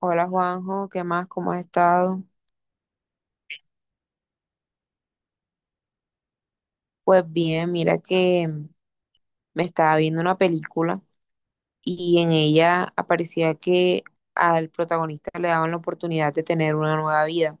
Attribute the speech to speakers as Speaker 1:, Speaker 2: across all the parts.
Speaker 1: Hola Juanjo, ¿qué más? ¿Cómo has estado? Pues bien, mira que me estaba viendo una película y en ella aparecía que al protagonista le daban la oportunidad de tener una nueva vida.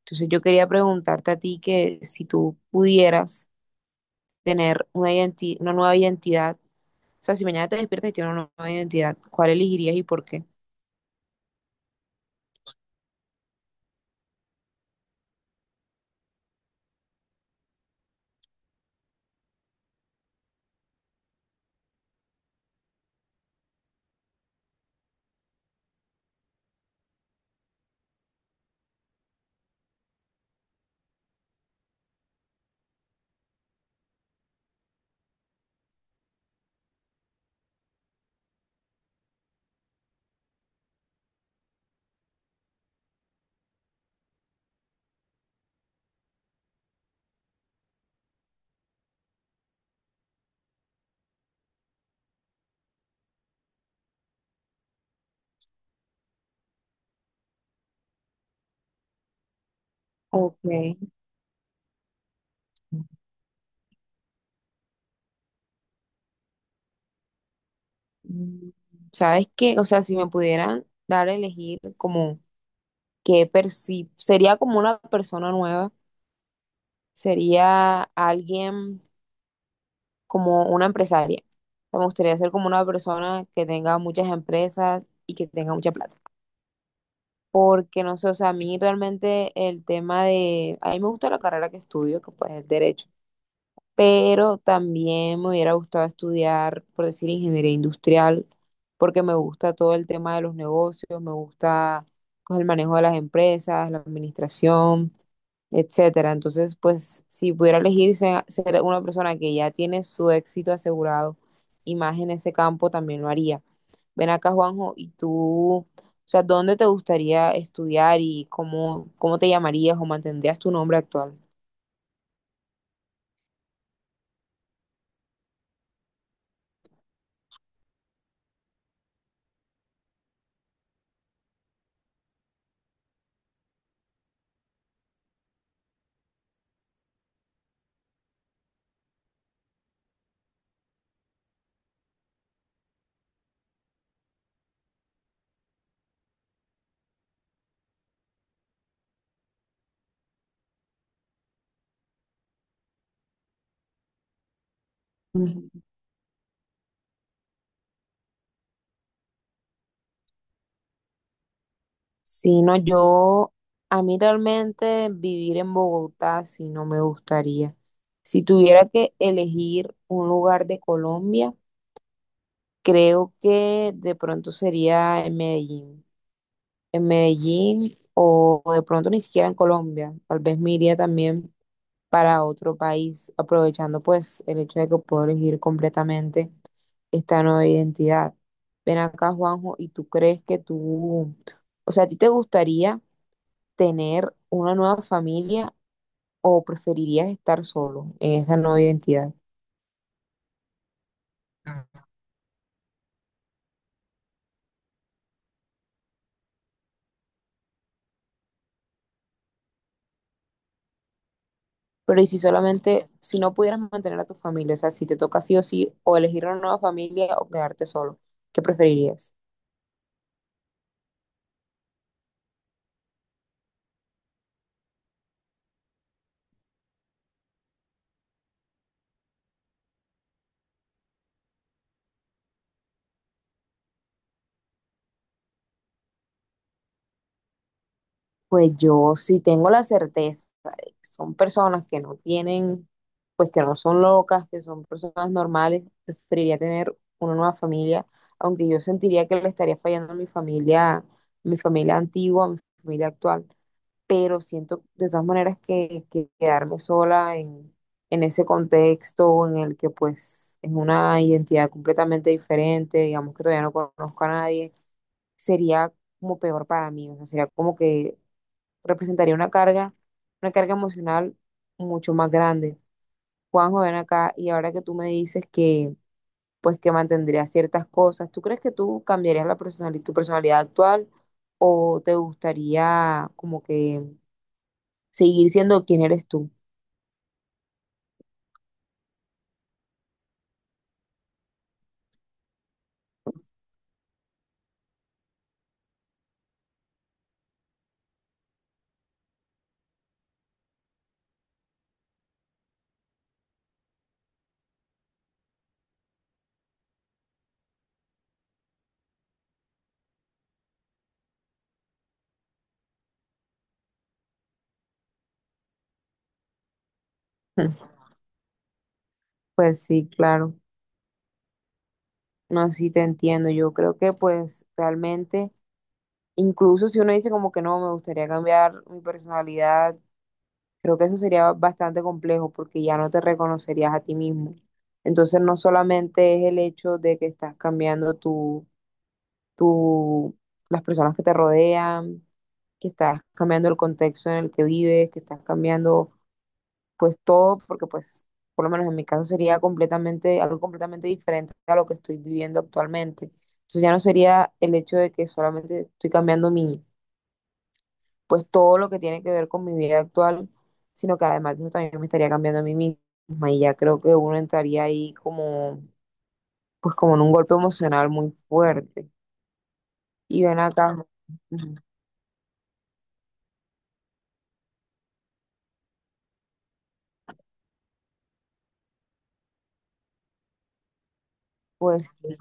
Speaker 1: Entonces yo quería preguntarte a ti que si tú pudieras tener una nueva identidad, o sea, si mañana te despiertas y tienes una nueva identidad, ¿cuál elegirías y por qué? Ok. Mm, ¿Sabes qué? O sea, si me pudieran dar a elegir como que sería como una persona nueva, sería alguien como una empresaria. O sea, me gustaría ser como una persona que tenga muchas empresas y que tenga mucha plata. Porque no sé, o sea, a mí realmente el tema de, a mí me gusta la carrera que estudio, que pues es derecho, pero también me hubiera gustado estudiar, por decir, ingeniería industrial, porque me gusta todo el tema de los negocios, me gusta pues, el manejo de las empresas, la administración, etcétera. Entonces, pues, si pudiera elegir ser una persona que ya tiene su éxito asegurado y más en ese campo, también lo haría. Ven acá, Juanjo, y tú, o sea, ¿dónde te gustaría estudiar y cómo, cómo te llamarías o mantendrías tu nombre actual? Ujú. Si no, yo, a mí realmente vivir en Bogotá, sí no me gustaría. Si tuviera que elegir un lugar de Colombia, creo que de pronto sería en Medellín. En Medellín o de pronto ni siquiera en Colombia. Tal vez me iría también para otro país, aprovechando pues el hecho de que puedo elegir completamente esta nueva identidad. Ven acá, Juanjo, ¿y tú crees que tú, o sea, a ti te gustaría tener una nueva familia o preferirías estar solo en esta nueva identidad? Pero y si solamente, si no pudieras mantener a tu familia, o sea, si te toca sí o sí, o elegir una nueva familia o quedarte solo, ¿qué preferirías? Pues yo sí tengo la certeza de que son personas que no tienen, pues que no son locas, que son personas normales, preferiría tener una nueva familia, aunque yo sentiría que le estaría fallando a mi familia antigua, a mi familia actual, pero siento de todas maneras que quedarme sola en ese contexto en el que pues es una identidad completamente diferente, digamos que todavía no conozco a nadie, sería como peor para mí, o sea, sería como que representaría una carga emocional mucho más grande. Juanjo, ven acá y ahora que tú me dices que pues que mantendrías ciertas cosas, ¿tú crees que tú cambiarías la tu personalidad actual o te gustaría como que seguir siendo quien eres tú? Mm. Pues sí, claro. No, sí te entiendo. Yo creo que pues realmente, incluso si uno dice como que no, me gustaría cambiar mi personalidad. Creo que eso sería bastante complejo porque ya no te reconocerías a ti mismo. Entonces, no solamente es el hecho de que estás cambiando tu, las personas que te rodean, que estás cambiando el contexto en el que vives, que estás cambiando pues todo, porque pues por lo menos en mi caso sería completamente, algo completamente diferente a lo que estoy viviendo actualmente. Entonces ya no sería el hecho de que solamente estoy cambiando mi, pues todo lo que tiene que ver con mi vida actual, sino que además de eso también me estaría cambiando a mí misma y ya creo que uno entraría ahí como, pues como en un golpe emocional muy fuerte. Y ven acá, ujú, pues sí,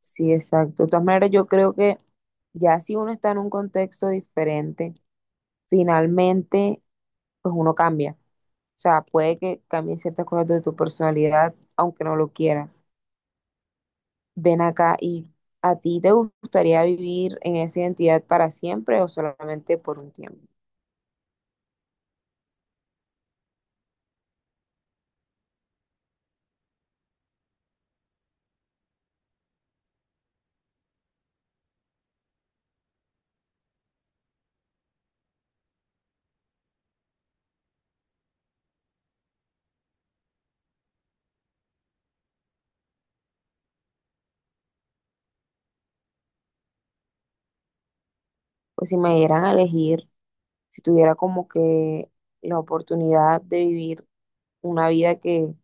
Speaker 1: sí, exacto. De todas maneras, yo creo que ya si uno está en un contexto diferente, finalmente, pues uno cambia. O sea, puede que cambien ciertas cosas de tu personalidad, aunque no lo quieras. Ven acá y ¿a ti te gustaría vivir en esa identidad para siempre o solamente por un tiempo? Pues si me dieran a elegir, si tuviera como que la oportunidad de vivir una vida que,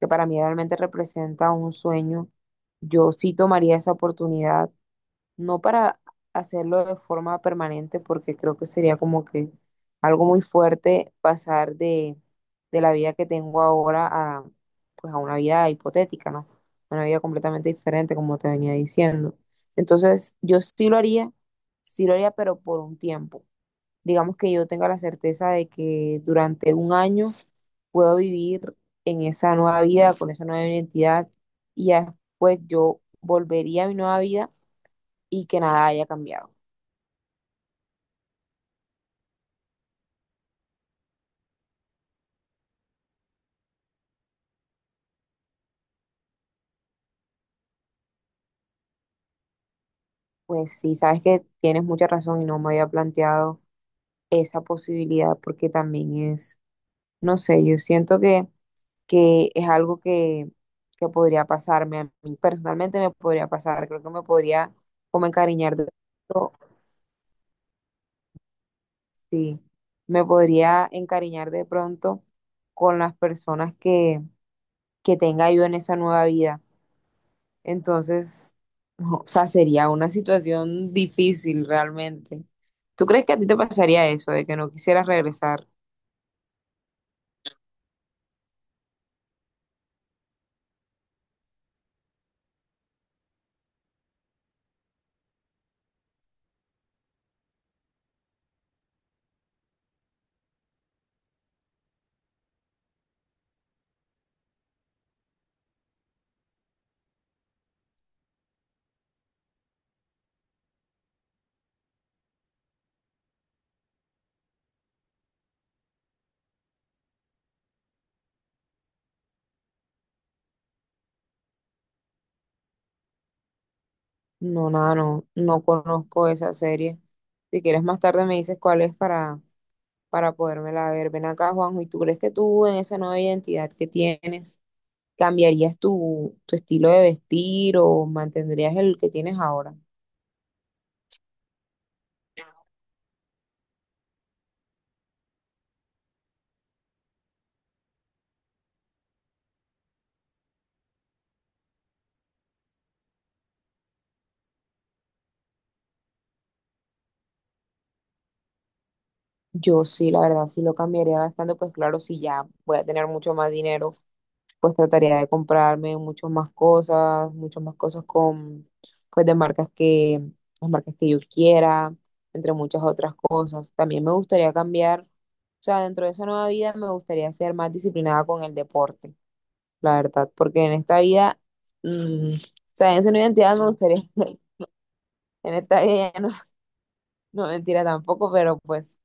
Speaker 1: que para mí realmente representa un sueño, yo sí tomaría esa oportunidad no para hacerlo de forma permanente, porque creo que sería como que algo muy fuerte pasar de la vida que tengo ahora a, pues a una vida hipotética, ¿no? Una vida completamente diferente, como te venía diciendo. Entonces, yo sí lo haría, pero por un tiempo. Digamos que yo tenga la certeza de que durante un año puedo vivir en esa nueva vida, con esa nueva identidad, y ya después yo volvería a mi nueva vida y que nada haya cambiado. Pues sí, sabes que tienes mucha razón y no me había planteado esa posibilidad porque también es, no sé, yo siento que es algo que podría pasarme, a mí personalmente me podría pasar, creo que me podría como encariñar de pronto, sí, me podría encariñar de pronto con las personas que tenga yo en esa nueva vida. Entonces, no, o sea, sería una situación difícil realmente. ¿Tú crees que a ti te pasaría eso, de que no quisieras regresar? No, nada, no, no conozco esa serie. Si quieres más tarde me dices cuál es para podérmela ver. Ven acá, Juanjo, ¿y tú crees que tú en esa nueva identidad que tienes cambiarías tu estilo de vestir o mantendrías el que tienes ahora? Yo sí, la verdad, sí lo cambiaría bastante, pues claro, si ya voy a tener mucho más dinero pues trataría de comprarme muchas más cosas con, pues de marcas que, las marcas que yo quiera, entre muchas otras cosas. También me gustaría cambiar, o sea, dentro de esa nueva vida me gustaría ser más disciplinada con el deporte, la verdad, porque en esta vida, o sea, en esa nueva identidad me gustaría, en esta vida ya no, no mentira tampoco, pero pues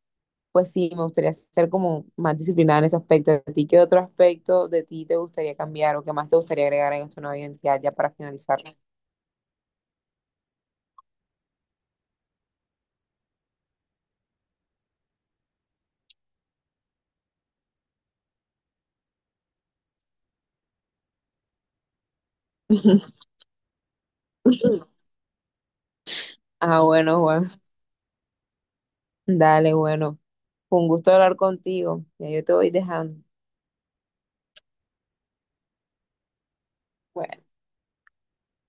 Speaker 1: pues sí, me gustaría ser como más disciplinada en ese aspecto. ¿A ti qué otro aspecto de ti te gustaría cambiar o qué más te gustaría agregar en esta nueva identidad ya para finalizar? Ah, bueno, Juan. Dale, bueno. Fue un gusto hablar contigo. Ya yo te voy dejando. Bueno.